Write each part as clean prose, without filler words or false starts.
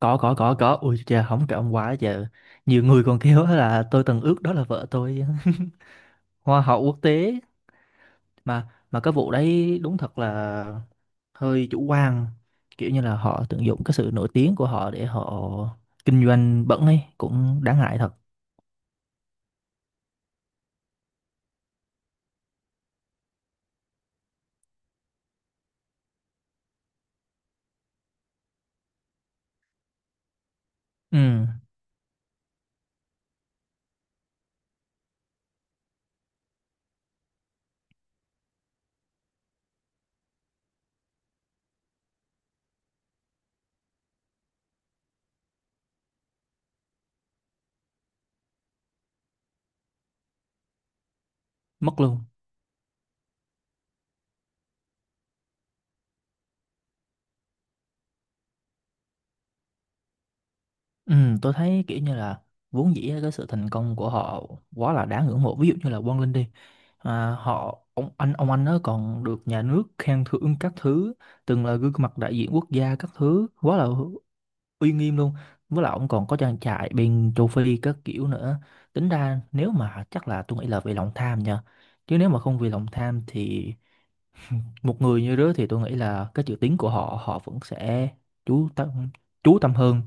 Có. Ui trời, không trọng quá giờ nhiều người còn kêu á là tôi từng ước đó là vợ tôi. Hoa hậu quốc tế. Mà cái vụ đấy đúng thật là hơi chủ quan, kiểu như là họ tận dụng cái sự nổi tiếng của họ để họ kinh doanh bẩn ấy, cũng đáng ngại thật. Ừ. Mất luôn. Ừ, tôi thấy kiểu như là vốn dĩ á, cái sự thành công của họ quá là đáng ngưỡng mộ, ví dụ như là Quang Linh đi. Họ, ông anh nó còn được nhà nước khen thưởng các thứ, từng là gương mặt đại diện quốc gia các thứ, quá là uy nghiêm luôn. Với lại ông còn có trang trại bên châu Phi các kiểu nữa. Tính ra nếu mà chắc là tôi nghĩ là vì lòng tham nha, chứ nếu mà không vì lòng tham thì một người như đó thì tôi nghĩ là cái chữ tiếng của họ, họ vẫn sẽ chú tâm, chú tâm hơn.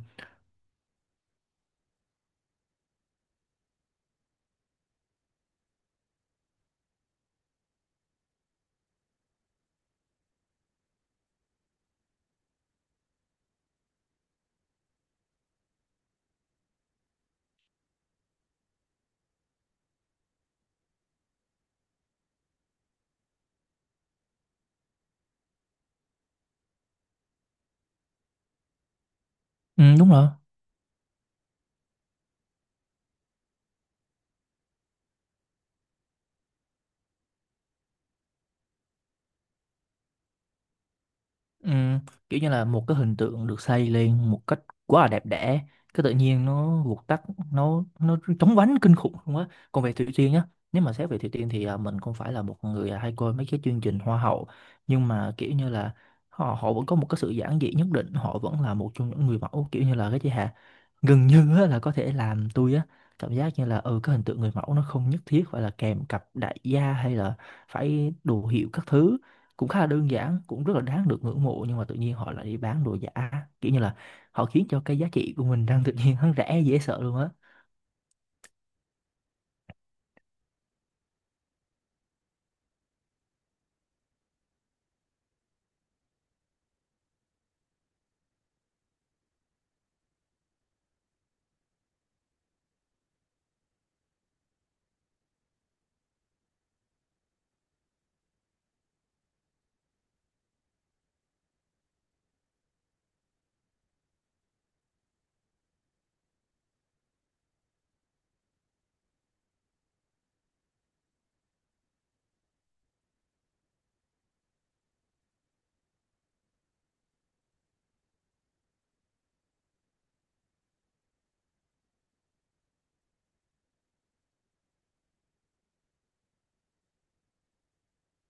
Ừ, đúng rồi. Ừ, kiểu như là một cái hình tượng được xây lên một cách quá là đẹp đẽ, cái tự nhiên nó vụt tắt, nó chóng vánh kinh khủng luôn á. Còn về Thủy Tiên nhá, nếu mà xét về Thủy Tiên thì mình không phải là một người hay coi mấy cái chương trình hoa hậu, nhưng mà kiểu như là họ họ vẫn có một cái sự giản dị nhất định, họ vẫn là một trong những người mẫu, kiểu như là cái chị Hà gần như á, là có thể làm tôi á cảm giác như là ừ, cái hình tượng người mẫu nó không nhất thiết phải là kèm cặp đại gia hay là phải đồ hiệu các thứ, cũng khá là đơn giản, cũng rất là đáng được ngưỡng mộ. Nhưng mà tự nhiên họ lại đi bán đồ giả, kiểu như là họ khiến cho cái giá trị của mình đang tự nhiên hắn rẻ dễ sợ luôn á.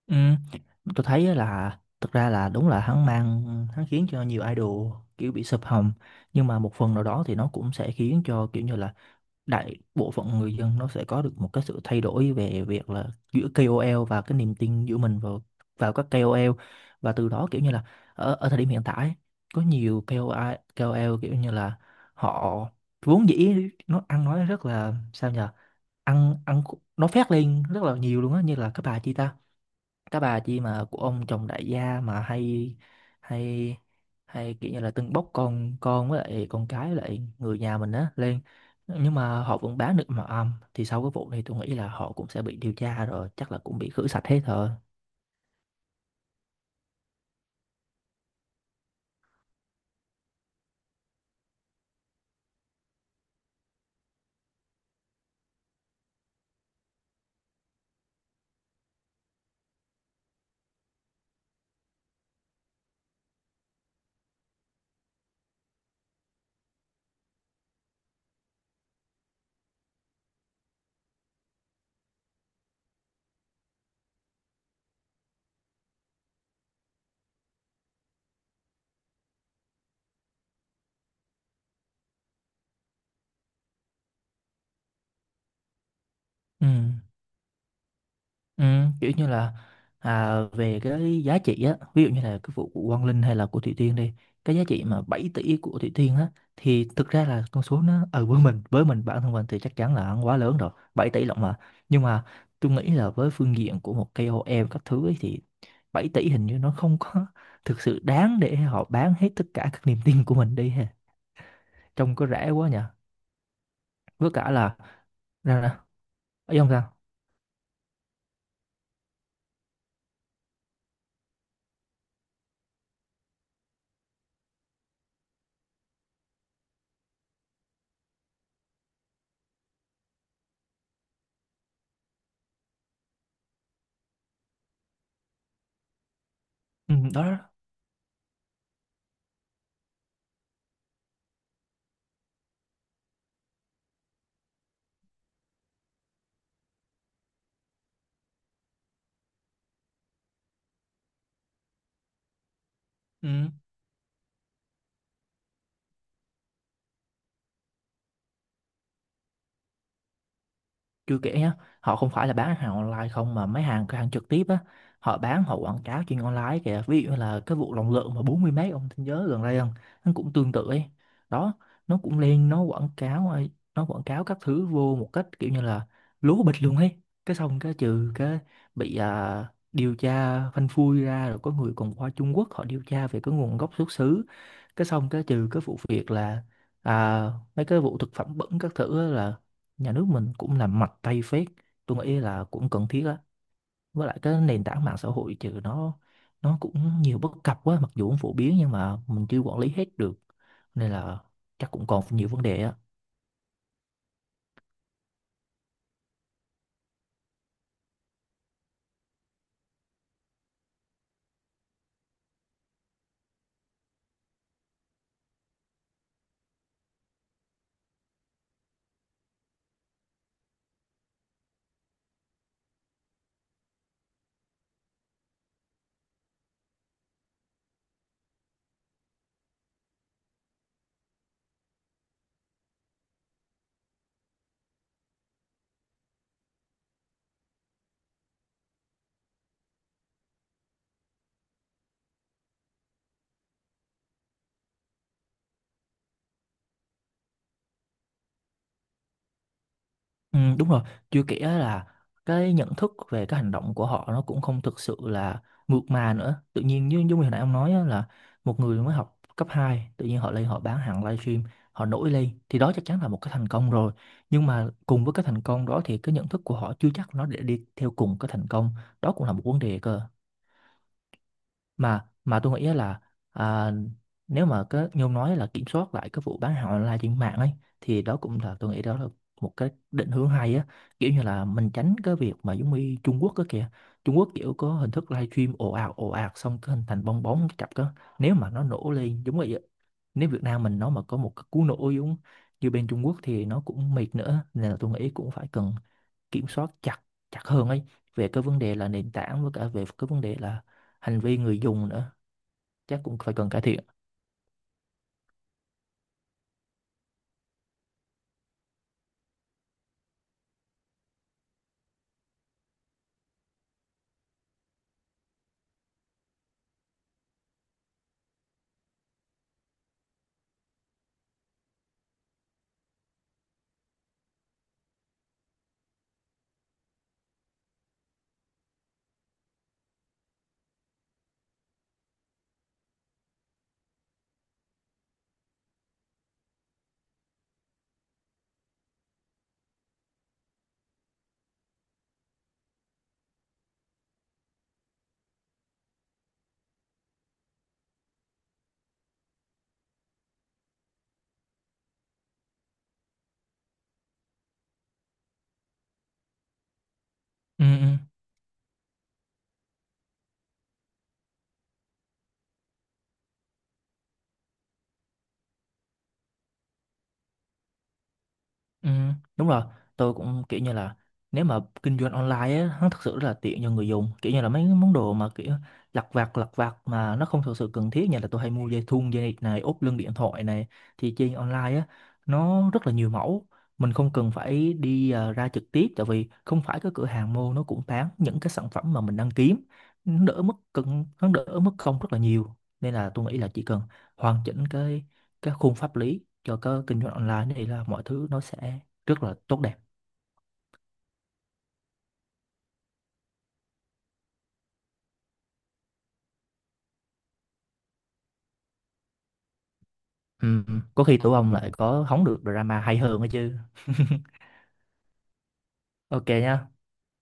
Ừ, tôi thấy á là thực ra là đúng là hắn mang hắn khiến cho nhiều idol kiểu bị sụp hầm, nhưng mà một phần nào đó thì nó cũng sẽ khiến cho kiểu như là đại bộ phận người dân nó sẽ có được một cái sự thay đổi về việc là giữa KOL và cái niềm tin giữa mình vào vào các KOL, và từ đó kiểu như là ở, ở thời điểm hiện tại ấy, có nhiều KOL, KOL kiểu như là họ vốn dĩ nó ăn nói rất là sao nhờ, ăn ăn nó phét lên rất là nhiều luôn á, như là cái bà chị ta, cái bà chi mà của ông chồng đại gia mà hay hay hay kiểu như là tưng bốc con với lại con cái với lại người nhà mình á lên, nhưng mà họ vẫn bán được mà âm. Thì sau cái vụ này tôi nghĩ là họ cũng sẽ bị điều tra rồi, chắc là cũng bị khử sạch hết rồi. Ừ. Ừ, kiểu như là về cái giá trị á, ví dụ như là cái vụ của Quang Linh hay là của Thủy Tiên đi, cái giá trị mà 7 tỷ của Thủy Tiên á, thì thực ra là con số nó ở với mình, với mình bản thân mình thì chắc chắn là quá lớn rồi, 7 tỷ lận mà. Nhưng mà tôi nghĩ là với phương diện của một KOL các thứ ấy, thì 7 tỷ hình như nó không có thực sự đáng để họ bán hết tất cả các niềm tin của mình đi ha. Trông có rẻ quá nhỉ. Với cả là ra ra ấy không sao. Ừ, đó đó. Ừ. Chưa kể nhá, họ không phải là bán hàng online không mà mấy hàng cửa hàng trực tiếp á, họ bán họ quảng cáo trên online kìa. Ví dụ như là cái vụ lòng lợn mà 40 mấy, ông nhớ gần đây không? Nó cũng tương tự ấy. Đó, nó cũng lên nó quảng cáo ấy, nó quảng cáo các thứ vô một cách kiểu như là lố bịch luôn ấy, cái xong cái trừ cái bị điều tra phanh phui ra, rồi có người còn qua Trung Quốc họ điều tra về cái nguồn gốc xuất xứ. Cái xong cái trừ cái vụ việc là à, mấy cái vụ thực phẩm bẩn các thứ á là nhà nước mình cũng làm mạnh tay phết, tôi nghĩ là cũng cần thiết á. Với lại cái nền tảng mạng xã hội trừ nó cũng nhiều bất cập quá, mặc dù cũng phổ biến nhưng mà mình chưa quản lý hết được, nên là chắc cũng còn nhiều vấn đề á. Ừ, đúng rồi, chưa kể là cái nhận thức về cái hành động của họ nó cũng không thực sự là mượt mà nữa. Tự nhiên như, như hồi nãy ông nói á, là một người mới học cấp 2 tự nhiên họ lên họ bán hàng livestream, họ nổi lên thì đó chắc chắn là một cái thành công rồi. Nhưng mà cùng với cái thành công đó thì cái nhận thức của họ chưa chắc nó để đi theo cùng cái thành công. Đó cũng là một vấn đề cơ mà, tôi nghĩ là à, nếu mà cái như ông nói là kiểm soát lại cái vụ bán hàng online trên mạng ấy, thì đó cũng là tôi nghĩ đó là một cái định hướng hay á, kiểu như là mình tránh cái việc mà giống như Trung Quốc á kìa. Trung Quốc kiểu có hình thức live stream ồ ạt xong cái hình thành bong bóng cái chập á, nếu mà nó nổ lên giống vậy á, nếu Việt Nam mình nó mà có một cái cú nổ giống như bên Trung Quốc thì nó cũng mệt nữa, nên là tôi nghĩ cũng phải cần kiểm soát chặt, chặt hơn ấy, về cái vấn đề là nền tảng với cả về cái vấn đề là hành vi người dùng nữa, chắc cũng phải cần cải thiện. Ừ ừ ừ Đúng rồi. Tôi cũng kiểu như là, nếu mà kinh doanh online á nó thật sự rất là tiện cho người dùng, kiểu như là mấy cái món đồ mà kiểu lặt vặt mà nó không thực sự cần thiết, như là tôi hay mua dây thun, dây này, ốp lưng điện thoại này, thì trên online á nó rất là nhiều mẫu, mình không cần phải đi ra trực tiếp, tại vì không phải cái cửa hàng mô nó cũng bán những cái sản phẩm mà mình đang kiếm, nó đỡ mất cân nó đỡ mất công rất là nhiều, nên là tôi nghĩ là chỉ cần hoàn chỉnh cái khung pháp lý cho cái kinh doanh online thì là mọi thứ nó sẽ rất là tốt đẹp. Ừ. Có khi tụi ông lại có hóng được drama hay hơn đó chứ. Ok nhá.